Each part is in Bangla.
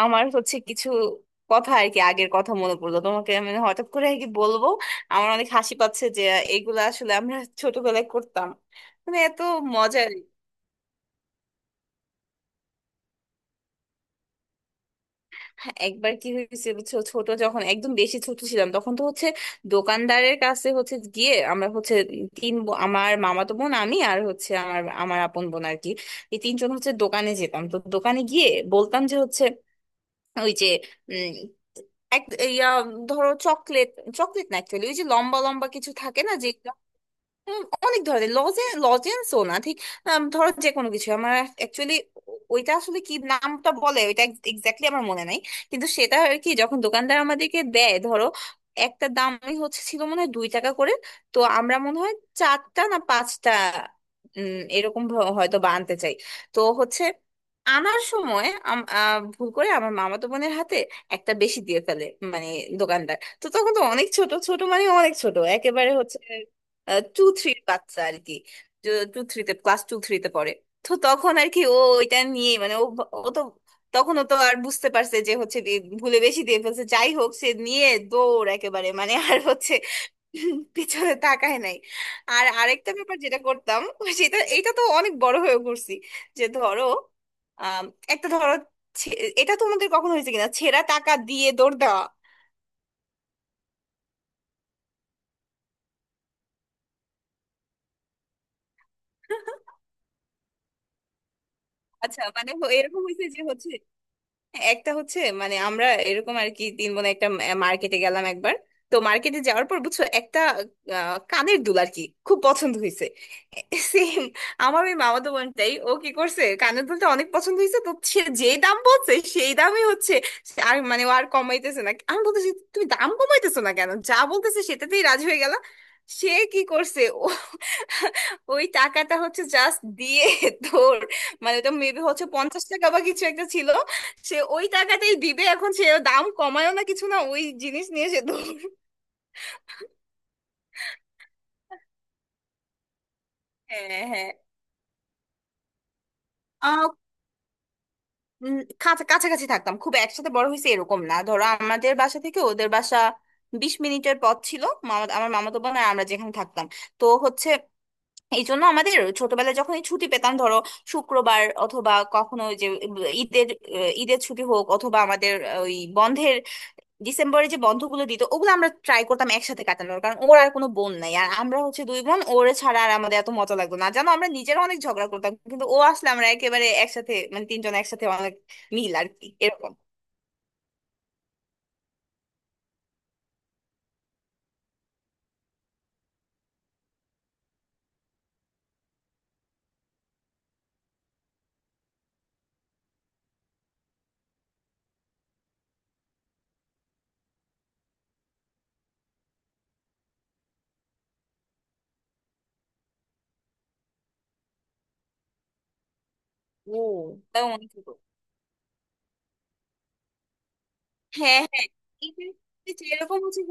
আমার হচ্ছে কিছু কথা আর কি আগের কথা মনে পড়লো, তোমাকে আমি হঠাৎ করে আর কি বলবো আমার অনেক হাসি পাচ্ছে যে এগুলা আসলে আমরা ছোটবেলায় করতাম, মানে এত মজার। একবার কি হয়েছে বুঝছো, ছোট যখন একদম বেশি ছোট ছিলাম তখন তো হচ্ছে দোকানদারের কাছে হচ্ছে গিয়ে আমরা হচ্ছে আমার মামাতো বোন, আমি আর হচ্ছে আমার আমার আপন বোন আর কি এই তিনজন হচ্ছে দোকানে যেতাম। তো দোকানে গিয়ে বলতাম যে হচ্ছে ওই যে এক ইয়া ধরো চকলেট, চকলেট না অ্যাকচুয়ালি, ওই যে লম্বা লম্বা কিছু থাকে না যে অনেক ধরনের লজেন্সও না ঠিক, ধরো যে কোনো কিছু আমার অ্যাকচুয়ালি ওইটা আসলে কি, নামটা বলে ওইটা এক্স্যাক্টলি আমার মনে নাই, কিন্তু সেটা আর কি যখন দোকানদার আমাদেরকে দেয় ধরো একটা দামই হচ্ছে ছিল মনে হয় 2 টাকা করে। তো আমরা মনে হয় চারটা না পাঁচটা এরকম হয়তো বা আনতে চাই। তো হচ্ছে আনার সময় ভুল করে আমার মামাতো বোনের হাতে একটা বেশি দিয়ে ফেলে, মানে দোকানদার। তো তখন তো অনেক ছোট ছোট, মানে অনেক ছোট একেবারে হচ্ছে টু থ্রির বাচ্চা আর কি টু থ্রিতে, ক্লাস টু থ্রিতে পড়ে। তো তখন আর কি ও এটা নিয়ে, মানে ও তো তখনও তো আর বুঝতে পারছে যে হচ্ছে যে ভুলে বেশি দিয়ে ফেলছে, যাই হোক সে নিয়ে দৌড় একেবারে, মানে আর হচ্ছে পিছনে তাকায় নাই। আর আরেকটা ব্যাপার যেটা করতাম, সেটা, এটা তো অনেক বড় হয়ে করছি, যে ধরো আম, একটা ধরো ছে- এটা তোমাদের কখনো হয়েছে কিনা, ছেঁড়া টাকা দিয়ে দৌড় দেওয়া। আচ্ছা, মানে এরকম হয়েছে যে হচ্ছে, হ্যাঁ, একটা হচ্ছে, মানে আমরা এরকম আর কি তিন বোন একটা মার্কেটে গেলাম একবার। তো মার্কেটে যাওয়ার পর বুঝছো একটা কানের দুল আর কি খুব পছন্দ হয়েছে, সেম। আমার ওই মামাতো বোনটাই, ও কি করছে, কানের দুলটা অনেক পছন্দ হয়েছে, তো সে যে দাম বলছে সেই দামই হচ্ছে সে, আর মানে ও আর কমাইতেছে না। আমি বলতেছি, তুমি দাম কমাইতেছো না কেন, যা বলতেছে সেটাতেই রাজি হয়ে গেল। সে কি করছে, ও ওই টাকাটা হচ্ছে জাস্ট দিয়ে, তোর, মানে ওটা মেবি হচ্ছে 50 টাকা বা কিছু একটা ছিল। সে ওই টাকাটাই দিবে, এখন সে দাম কমায়ও না কিছু না, ওই জিনিস নিয়ে সে দৌড়। হ্যাঁ, হ্যাঁ, আহ, উম, কাছাকাছি থাকতাম, খুব একসাথে বড় হয়েছে এরকম না। ধরো আমাদের বাসা থেকে ওদের বাসা 20 মিনিটের পথ ছিল মামা, আমার মামাতো বোন আর আমরা যেখানে থাকতাম। তো হচ্ছে এই জন্য আমাদের ছোটবেলায় যখন এই ছুটি পেতাম ধরো শুক্রবার, অথবা কখনো ওই যে ঈদের ঈদের ছুটি হোক অথবা আমাদের ওই বন্ধের ডিসেম্বরে যে বন্ধগুলো দিত, ওগুলো আমরা ট্রাই করতাম একসাথে কাটানোর। কারণ ওর আর কোনো বোন নাই আর আমরা হচ্ছে দুই বোন, ওর ছাড়া আর আমাদের এত মজা লাগতো না জানো, আমরা নিজেরা অনেক ঝগড়া করতাম কিন্তু ও আসলে আমরা একেবারে একসাথে, মানে তিনজন একসাথে অনেক মিল আর কি এরকম ও, তাও মনে করো। হ্যাঁ, হ্যাঁ, এই এরকম হচ্ছে,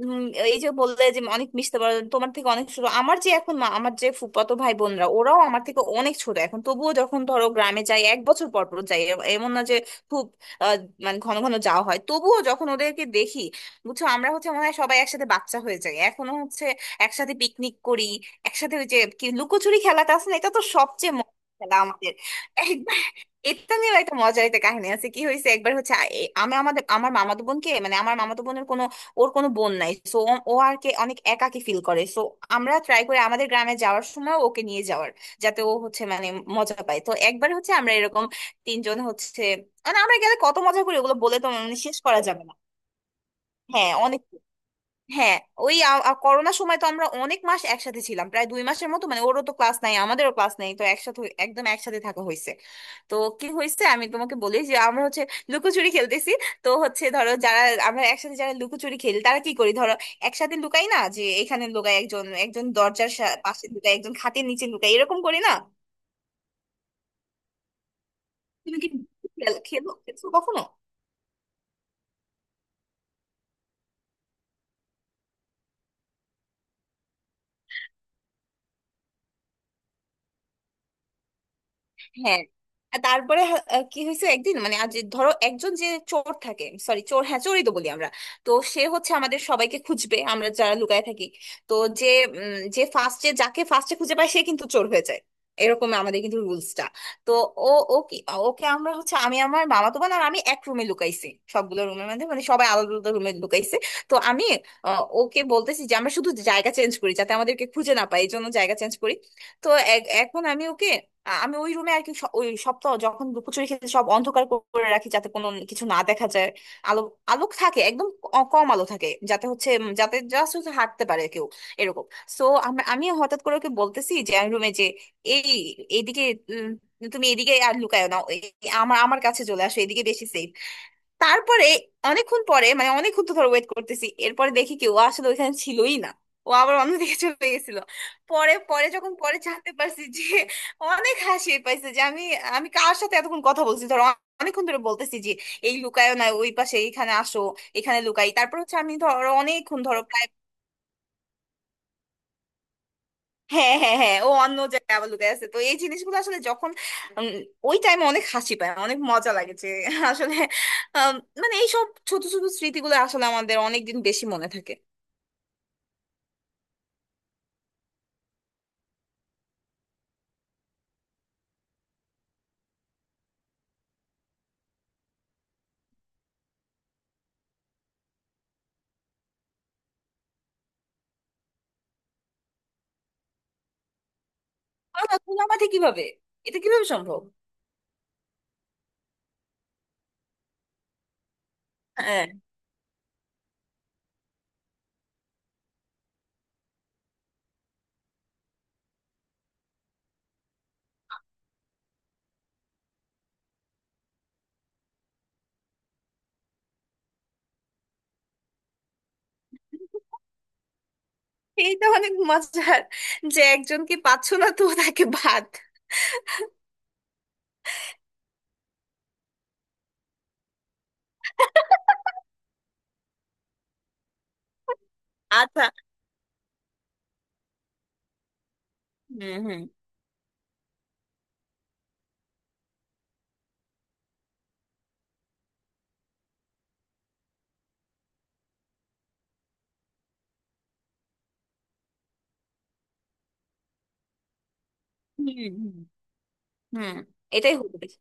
উম, এই যে বললে যে অনেক মিশতে পারো তোমার থেকে অনেক ছোট, আমার যে এখন আমার যে ফুফাতো ভাই বোনরা ওরাও আমার থেকে অনেক ছোট এখন, তবুও যখন ধরো গ্রামে যাই, এক বছর পর পর যাই, এমন না যে খুব আহ, মানে ঘন ঘন যাওয়া হয়, তবুও যখন ওদেরকে দেখি বুঝছো আমরা হচ্ছে, মনে হয় সবাই একসাথে বাচ্চা হয়ে যাই এখনো হচ্ছে একসাথে পিকনিক করি, একসাথে ওই যে কি লুকোচুরি খেলাটা আছে না, এটা তো সবচেয়ে মজার খেলা আমাদের। একবার এটা নিয়েও একটা মজার একটা কাহিনী আছে, কি হয়েছে একবার হচ্ছে আমি আমাদের আমার মামাতো বোনকে, মানে আমার মামাতো বোনের কোনো, ওর কোনো বোন নাই সো ও আর কে অনেক একাকী ফিল করে সো আমরা ট্রাই করি আমাদের গ্রামে যাওয়ার সময় ওকে নিয়ে যাওয়ার, যাতে ও হচ্ছে মানে মজা পায়। তো একবার হচ্ছে আমরা এরকম তিনজন হচ্ছে, মানে আমরা গেলে কত মজা করি, ওগুলো বলে তো মানে শেষ করা যাবে না। হ্যাঁ, অনেক, হ্যাঁ, ওই করোনার সময় তো আমরা অনেক মাস একসাথে ছিলাম, প্রায় 2 মাসের মতো, মানে ওরও তো ক্লাস নাই আমাদেরও ক্লাস নাই, তো একসাথে একদম একসাথে থাকা হয়েছে। তো কি হয়েছে আমি তোমাকে বলি, যে আমরা হচ্ছে লুকোচুরি খেলতেছি। তো হচ্ছে ধরো যারা আমরা একসাথে যারা লুকোচুরি খেলি, তারা কি করি, ধরো একসাথে লুকাই না, যে এখানে লুকাই একজন, একজন দরজার পাশে লুকাই, একজন খাটের নিচে লুকাই, এরকম করি না। তুমি কি খেলো, খেলছো কখনো? হ্যাঁ। আর তারপরে হা- আহ কি হয়েছে একদিন, মানে আজ ধরো একজন যে চোর থাকে, সরি চোর, হ্যাঁ চোরই তো বলি আমরা, তো সে হচ্ছে আমাদের সবাইকে খুঁজবে, আমরা যারা লুকায় থাকি, তো যে যে ফার্স্টে, যাকে ফার্স্টে খুঁজে পায় সে কিন্তু চোর হয়ে যায়, এরকম আমাদের কিন্তু রুলসটা। তো ও ও কি, ওকে আমরা হচ্ছে, আমি আমার মামাতো বোন আর আমি এক রুমে লুকাইছি, সবগুলো রুমের মধ্যে মানে সবাই আলাদা আলাদা রুমে লুকাইছি। তো আমি ওকে বলতেছি যে আমরা শুধু জায়গা চেঞ্জ করি যাতে আমাদেরকে খুঁজে না পায়, এই জন্য জায়গা চেঞ্জ করি। তো এখন আমি ওকে আমি ওই রুমে আর কি ওই সপ্তাহ যখন লুকোচুরি খেতে সব অন্ধকার করে রাখি যাতে কোনো কিছু না দেখা যায়, আলো, আলোক থাকে একদম কম আলো থাকে যাতে হচ্ছে যাতে জাস্ট হচ্ছে হাঁটতে পারে কেউ এরকম। সো আমি আমি হঠাৎ করে ওকে বলতেছি যে আমি রুমে যে এই এইদিকে উম, তুমি এদিকে আর লুকায়ো না, আমার আমার কাছে চলে আসো এদিকে বেশি সেফ। তারপরে অনেকক্ষণ পরে, মানে অনেকক্ষণ তো ধর ওয়েট করতেছি, এরপরে দেখি কি ও আসলে ওইখানে ছিলই না, ও আবার অন্যদিকে চলে গেছিল। পরে পরে যখন পরে জানতে পারছি যে অনেক হাসি পাইছে যে আমি আমি কার সাথে এতক্ষণ কথা বলছি ধর, অনেকক্ষণ ধরে বলতেছি যে এই লুকায়ও না ওই পাশে, এইখানে আসো, এখানে লুকাই। তারপর হচ্ছে আমি ধর অনেকক্ষণ ধরো প্রায়, হ্যাঁ হ্যাঁ হ্যাঁ, ও অন্য জায়গায় আবার লুকিয়ে আছে। তো এই জিনিসগুলো আসলে যখন উম, ওই টাইমে অনেক হাসি পায়, অনেক মজা লাগে যে আসলে, আম, মানে এইসব ছোট ছোট স্মৃতিগুলো আসলে আমাদের অনেকদিন বেশি মনে থাকে। আর তুমি আমাকে কিভাবে, এটা কিভাবে সম্ভব? হ্যাঁ, এইটা অনেক মজার যে একজনকে পাচ্ছ না তো তাকে বাদ। আচ্ছা। হুম, হুম, হুম, হুম, হুম, এটাই হতে পারে।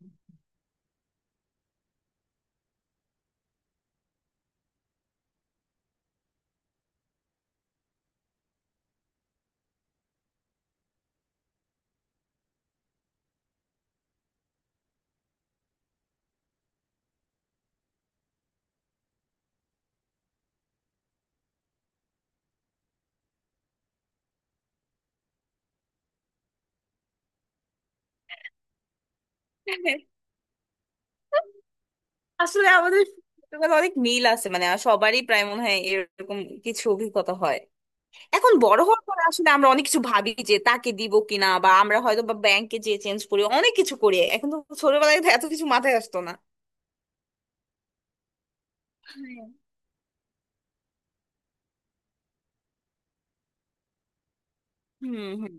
আসলে আমাদের ছোটবেলায় অনেক মিল আছে, মানে সবারই প্রায় মনে হয় এরকম কিছু অভিজ্ঞতা হয়। এখন বড় হওয়ার পর আসলে আমরা অনেক কিছু ভাবি, যে তাকে দিব কিনা, বা আমরা হয়তো বা ব্যাংকে যেয়ে চেঞ্জ করি, অনেক কিছু করি এখন তো। ছোটবেলায় তো এত কিছু মাথায় আসতো না। হ্যাঁ। হুম, হুম,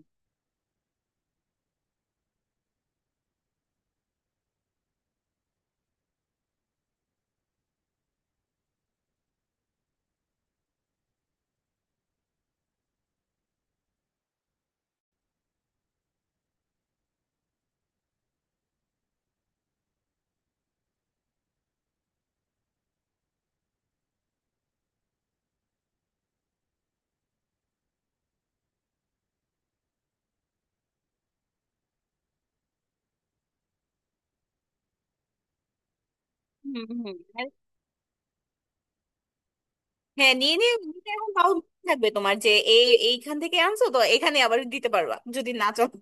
হুম, হুম, আর, হ্যাঁ, নিয়ে নিয়ে নিতে, এখন তাও মনে থাকবে তোমার যে এই এইখান থেকে আনছো, তো এখানে আবার দিতে পারবা যদি না চলো।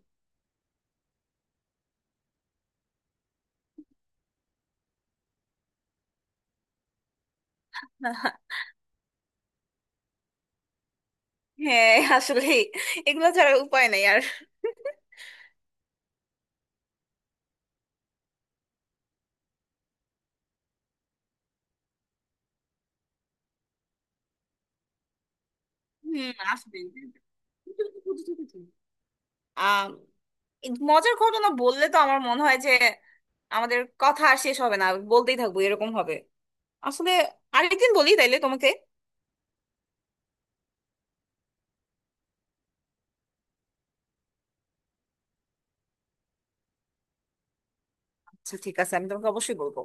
হ্যাঁ, আসলে এগুলো ছাড়া উপায় নাই আর। হুম, আসবে, আহ মজার ঘটনা বললে তো আমার মনে হয় যে আমাদের কথা আর শেষ হবে না, বলতেই থাকবো এরকম হবে। আসলে আরেকদিন বলি তাইলে তোমাকে। আচ্ছা, ঠিক আছে, আমি তোমাকে অবশ্যই বলবো।